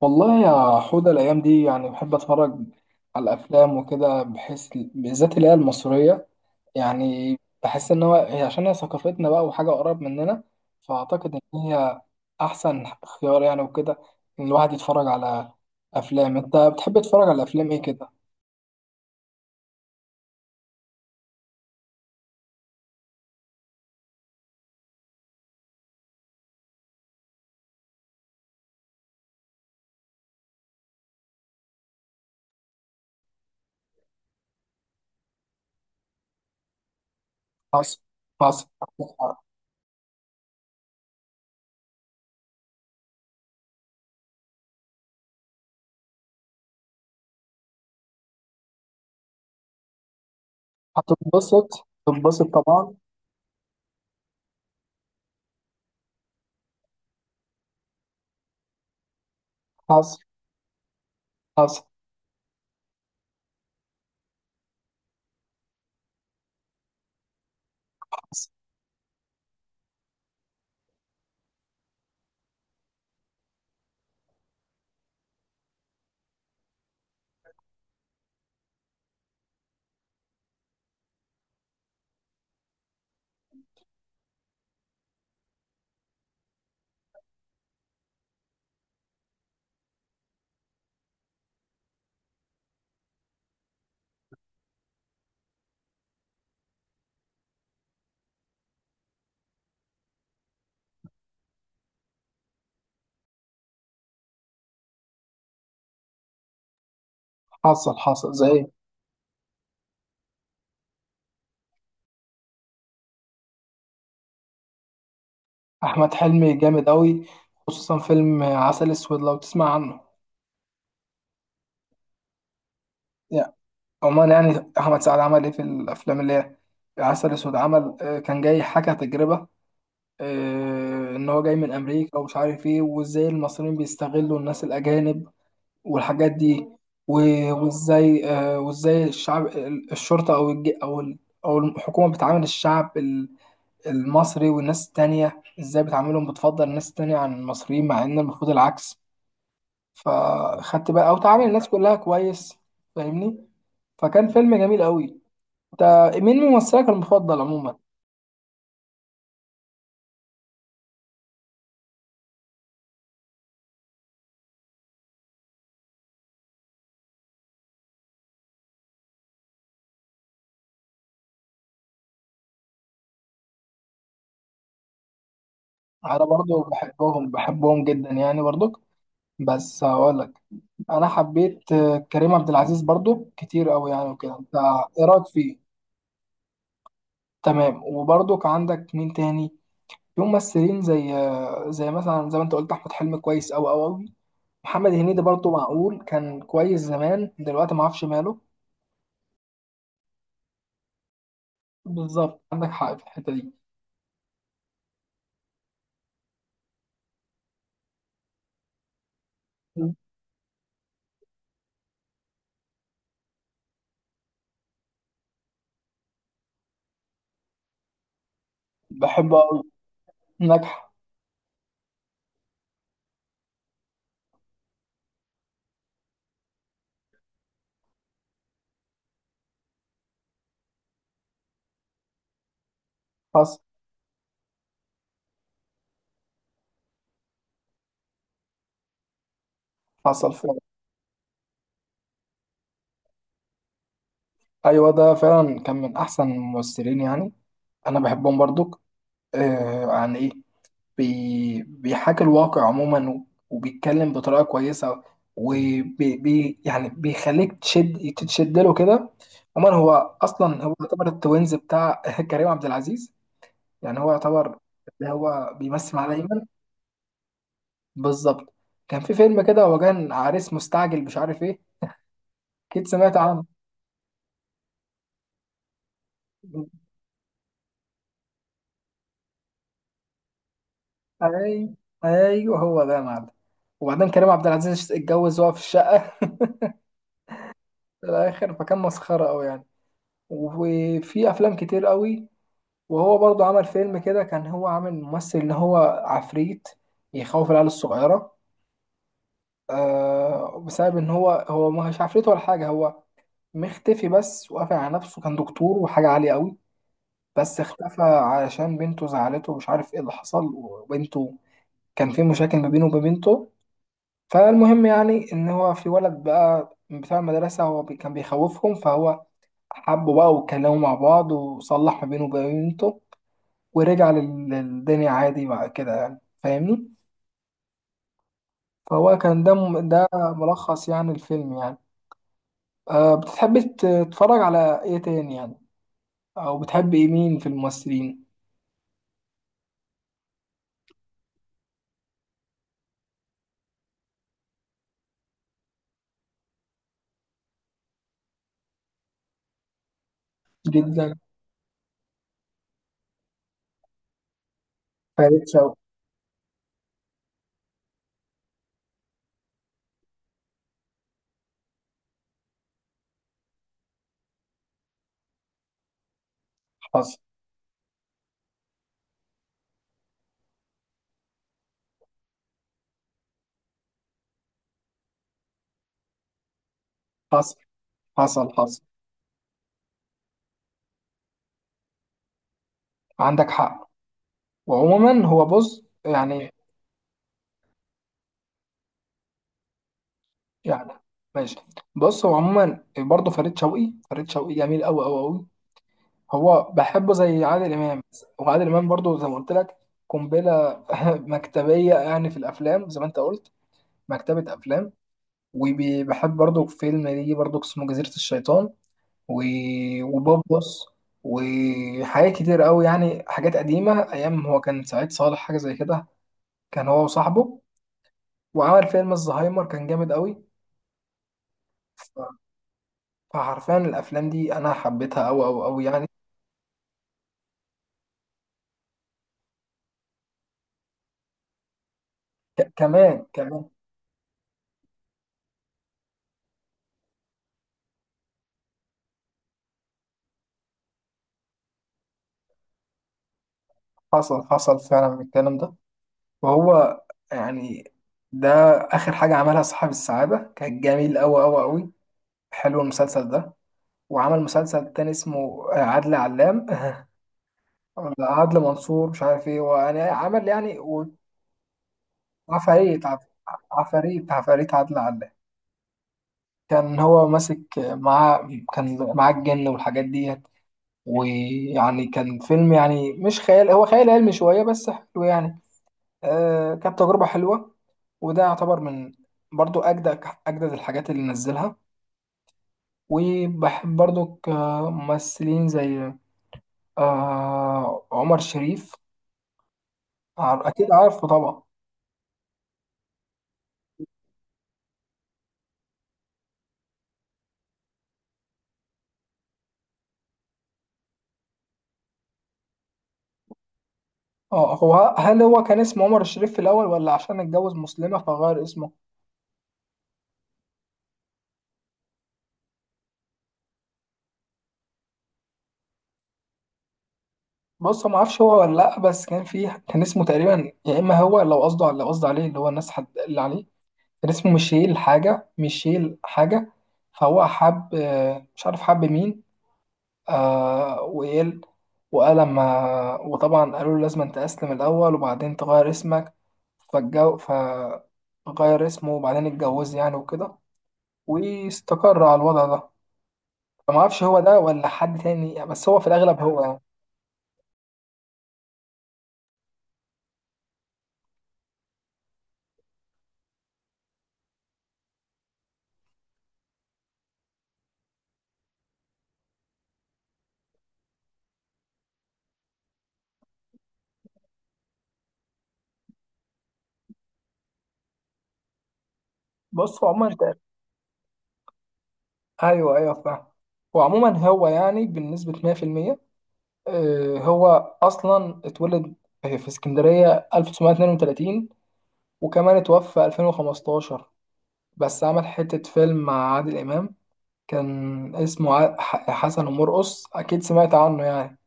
والله يا حودة، الأيام دي يعني بحب أتفرج على الأفلام وكده. بحس بالذات اللي هي المصرية يعني بحس إن هو هي، عشان هي ثقافتنا بقى وحاجة قريب مننا، فأعتقد إن هي أحسن خيار يعني وكده، إن الواحد يتفرج على أفلام. أنت بتحب تتفرج على أفلام إيه كده؟ حصل حصل. هتنبسط، تنبسط طبعا. حصل حصل. حصل حصل. حصل زي أحمد حلمي. جامد أوي، خصوصا فيلم عسل أسود، لو تسمع عنه. عموما يعني احمد سعد عمل ايه في الافلام اللي هي عسل اسود. عمل كان جاي حكى تجربه. ان هو جاي من امريكا ومش عارف ايه، وازاي المصريين بيستغلوا الناس الاجانب والحاجات دي. وازاي الشعب، الشرطه او الحكومه بتعامل الشعب المصري، والناس التانية ازاي بتعاملهم، بتفضل الناس التانية عن المصريين مع ان المفروض العكس، فخدت بقى او تعامل الناس كلها كويس. فاهمني؟ فكان فيلم جميل قوي. انت مين ممثلك المفضل عموما؟ انا برضو بحبهم بحبهم جدا يعني برضو، بس هقولك، انا حبيت كريم عبد العزيز برضو كتير قوي يعني وكده. انت ايه رايك فيه؟ تمام. وبرضو كان عندك مين تاني في ممثلين زي زي مثلا زي ما انت قلت احمد حلمي كويس قوي قوي قوي. محمد هنيدي برضو معقول كان كويس زمان، دلوقتي ما اعرفش ماله. بالظبط، عندك حق في الحته دي. بحبه قوي. نجح. حصل حصل. ايوه، ده فعلا كان من احسن الممثلين يعني. انا بحبهم برضك. آه، عن ايه؟ بيحاكي الواقع عموما، وبيتكلم بطريقه كويسه، وبي بي يعني بيخليك تتشد له كده. عموما هو اصلا هو يعتبر التوينز بتاع كريم عبد العزيز يعني. هو يعتبر اللي هو بيمثل معاه دايما. بالظبط. كان في فيلم كده، هو كان عريس مستعجل مش عارف ايه، اكيد سمعت عنه. اي، ايوه هو ده يا معلم. وبعدين كريم عبد العزيز اتجوز وهو في الشقه في الاخر، فكان مسخره قوي يعني. وفي افلام كتير قوي. وهو برضو عمل فيلم كده، كان هو عامل ممثل ان هو عفريت يخوف العيال الصغيره. آه بسبب ان هو مش عفريت ولا حاجه، هو مختفي بس وقافل على نفسه، كان دكتور وحاجه عاليه قوي، بس اختفى علشان بنته زعلته ومش عارف ايه اللي حصل، وبنته كان في مشاكل ما بينه وما بنته. فالمهم يعني ان هو في ولد بقى بتاع المدرسه هو كان بيخوفهم، فهو حبه بقى واتكلموا مع بعض وصلح ما بينه وبين بنته، ورجع للدنيا عادي بعد كده يعني. فاهمني؟ فهو كان ده ملخص يعني الفيلم يعني. أه، بتحب تتفرج على ايه تاني يعني؟ او بتحب ايه، مين في الممثلين؟ جدا. فريد شوقي. حصل حصل. حصل حصل. عندك حق. وعموما هو بص يعني، يعني ماشي. بص هو عموما برضه فريد شوقي، فريد شوقي جميل قوي قوي قوي. هو بحبه زي عادل امام. وعادل امام برضه زي ما قلت لك قنبله مكتبيه يعني في الافلام، زي ما انت قلت مكتبه افلام. وبحب برضه فيلم ليه برضه اسمه جزيره الشيطان، و... وبوبوس، وحاجات كتير قوي يعني، حاجات قديمه ايام هو كان سعيد صالح حاجه زي كده، كان هو وصاحبه. وعمل فيلم الزهايمر كان جامد قوي. فحرفيا الافلام دي انا حبيتها قوي قوي قوي يعني. كمان كمان. حصل حصل فعلا من الكلام ده. وهو يعني، ده اخر حاجه عملها صاحب السعاده، كان جميل قوي قوي قوي. حلو المسلسل ده. وعمل مسلسل تاني اسمه عدل علام ولا عدل منصور مش عارف ايه، وانا عمل يعني عفاريت عفاريت عفاريت عدل علام. كان هو ماسك معاه، كان معاه الجن والحاجات دي. ويعني كان فيلم يعني مش خيال، هو خيال علمي شوية بس حلو يعني. آه كانت تجربة حلوة. وده يعتبر من برضو أجدد أجدد الحاجات اللي نزلها. وبحب برضو كممثلين زي عمر شريف. أكيد عارفه طبعا. اه، هو هل هو كان اسمه عمر الشريف في الأول، ولا عشان اتجوز مسلمة فغير اسمه؟ بص، ما اعرفش هو ولا لا، بس كان فيه كان اسمه تقريبا، يا اما هو لو قصده لو قصده عليه اللي هو الناس حد اللي عليه، كان اسمه ميشيل حاجة، ميشيل حاجة. فهو حب مش عارف حب مين. آه وقال وقال لما، وطبعا قالوا له لازم انت تسلم الأول وبعدين تغير اسمك. فالجو فغير اسمه وبعدين اتجوز يعني وكده، واستقر على الوضع ده. فما اعرفش هو ده ولا حد تاني، بس هو في الأغلب هو يعني. بص هو عموما. أيوه أيوه فاهم. هو عموما هو يعني بنسبة 100%. هو اصلا اتولد في اسكندريه 1932، وكمان اتوفى 2015. بس عمل حته فيلم مع عادل امام، كان اسمه حسن ومرقص، اكيد سمعت عنه يعني.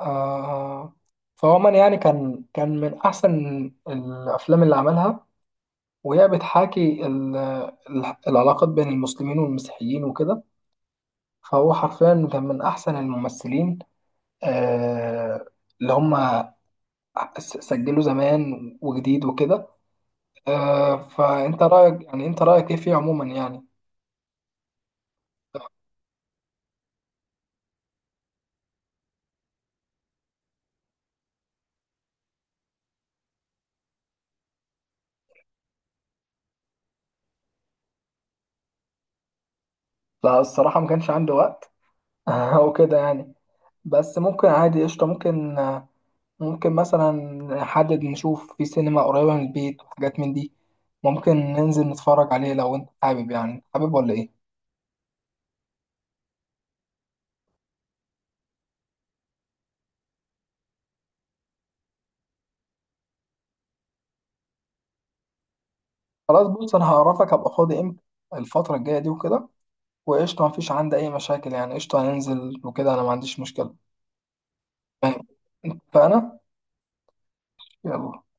آه، فهو من يعني كان، كان من احسن الافلام اللي عملها، وهي بتحاكي العلاقات بين المسلمين والمسيحيين وكده. فهو حرفيا كان من احسن الممثلين. آه، اللي هم سجله زمان وجديد وكده. فانت رايك يعني، انت رايك ايه فيه عموما يعني؟ لا الصراحه ما كانش عندي وقت وكده يعني. بس ممكن عادي، قشطه، ممكن ممكن مثلا نحدد نشوف في سينما قريبه من البيت وحاجات من دي، ممكن ننزل نتفرج عليه لو انت حابب. يعني حابب ولا ايه؟ خلاص، بص انا هعرفك هبقى فاضي امتى الفتره الجايه دي وكده. وقشطه، ما فيش عندي اي مشاكل يعني، قشطه هننزل وكده، انا ما عنديش مشكله. فاهم؟ فانا، يلا تمام.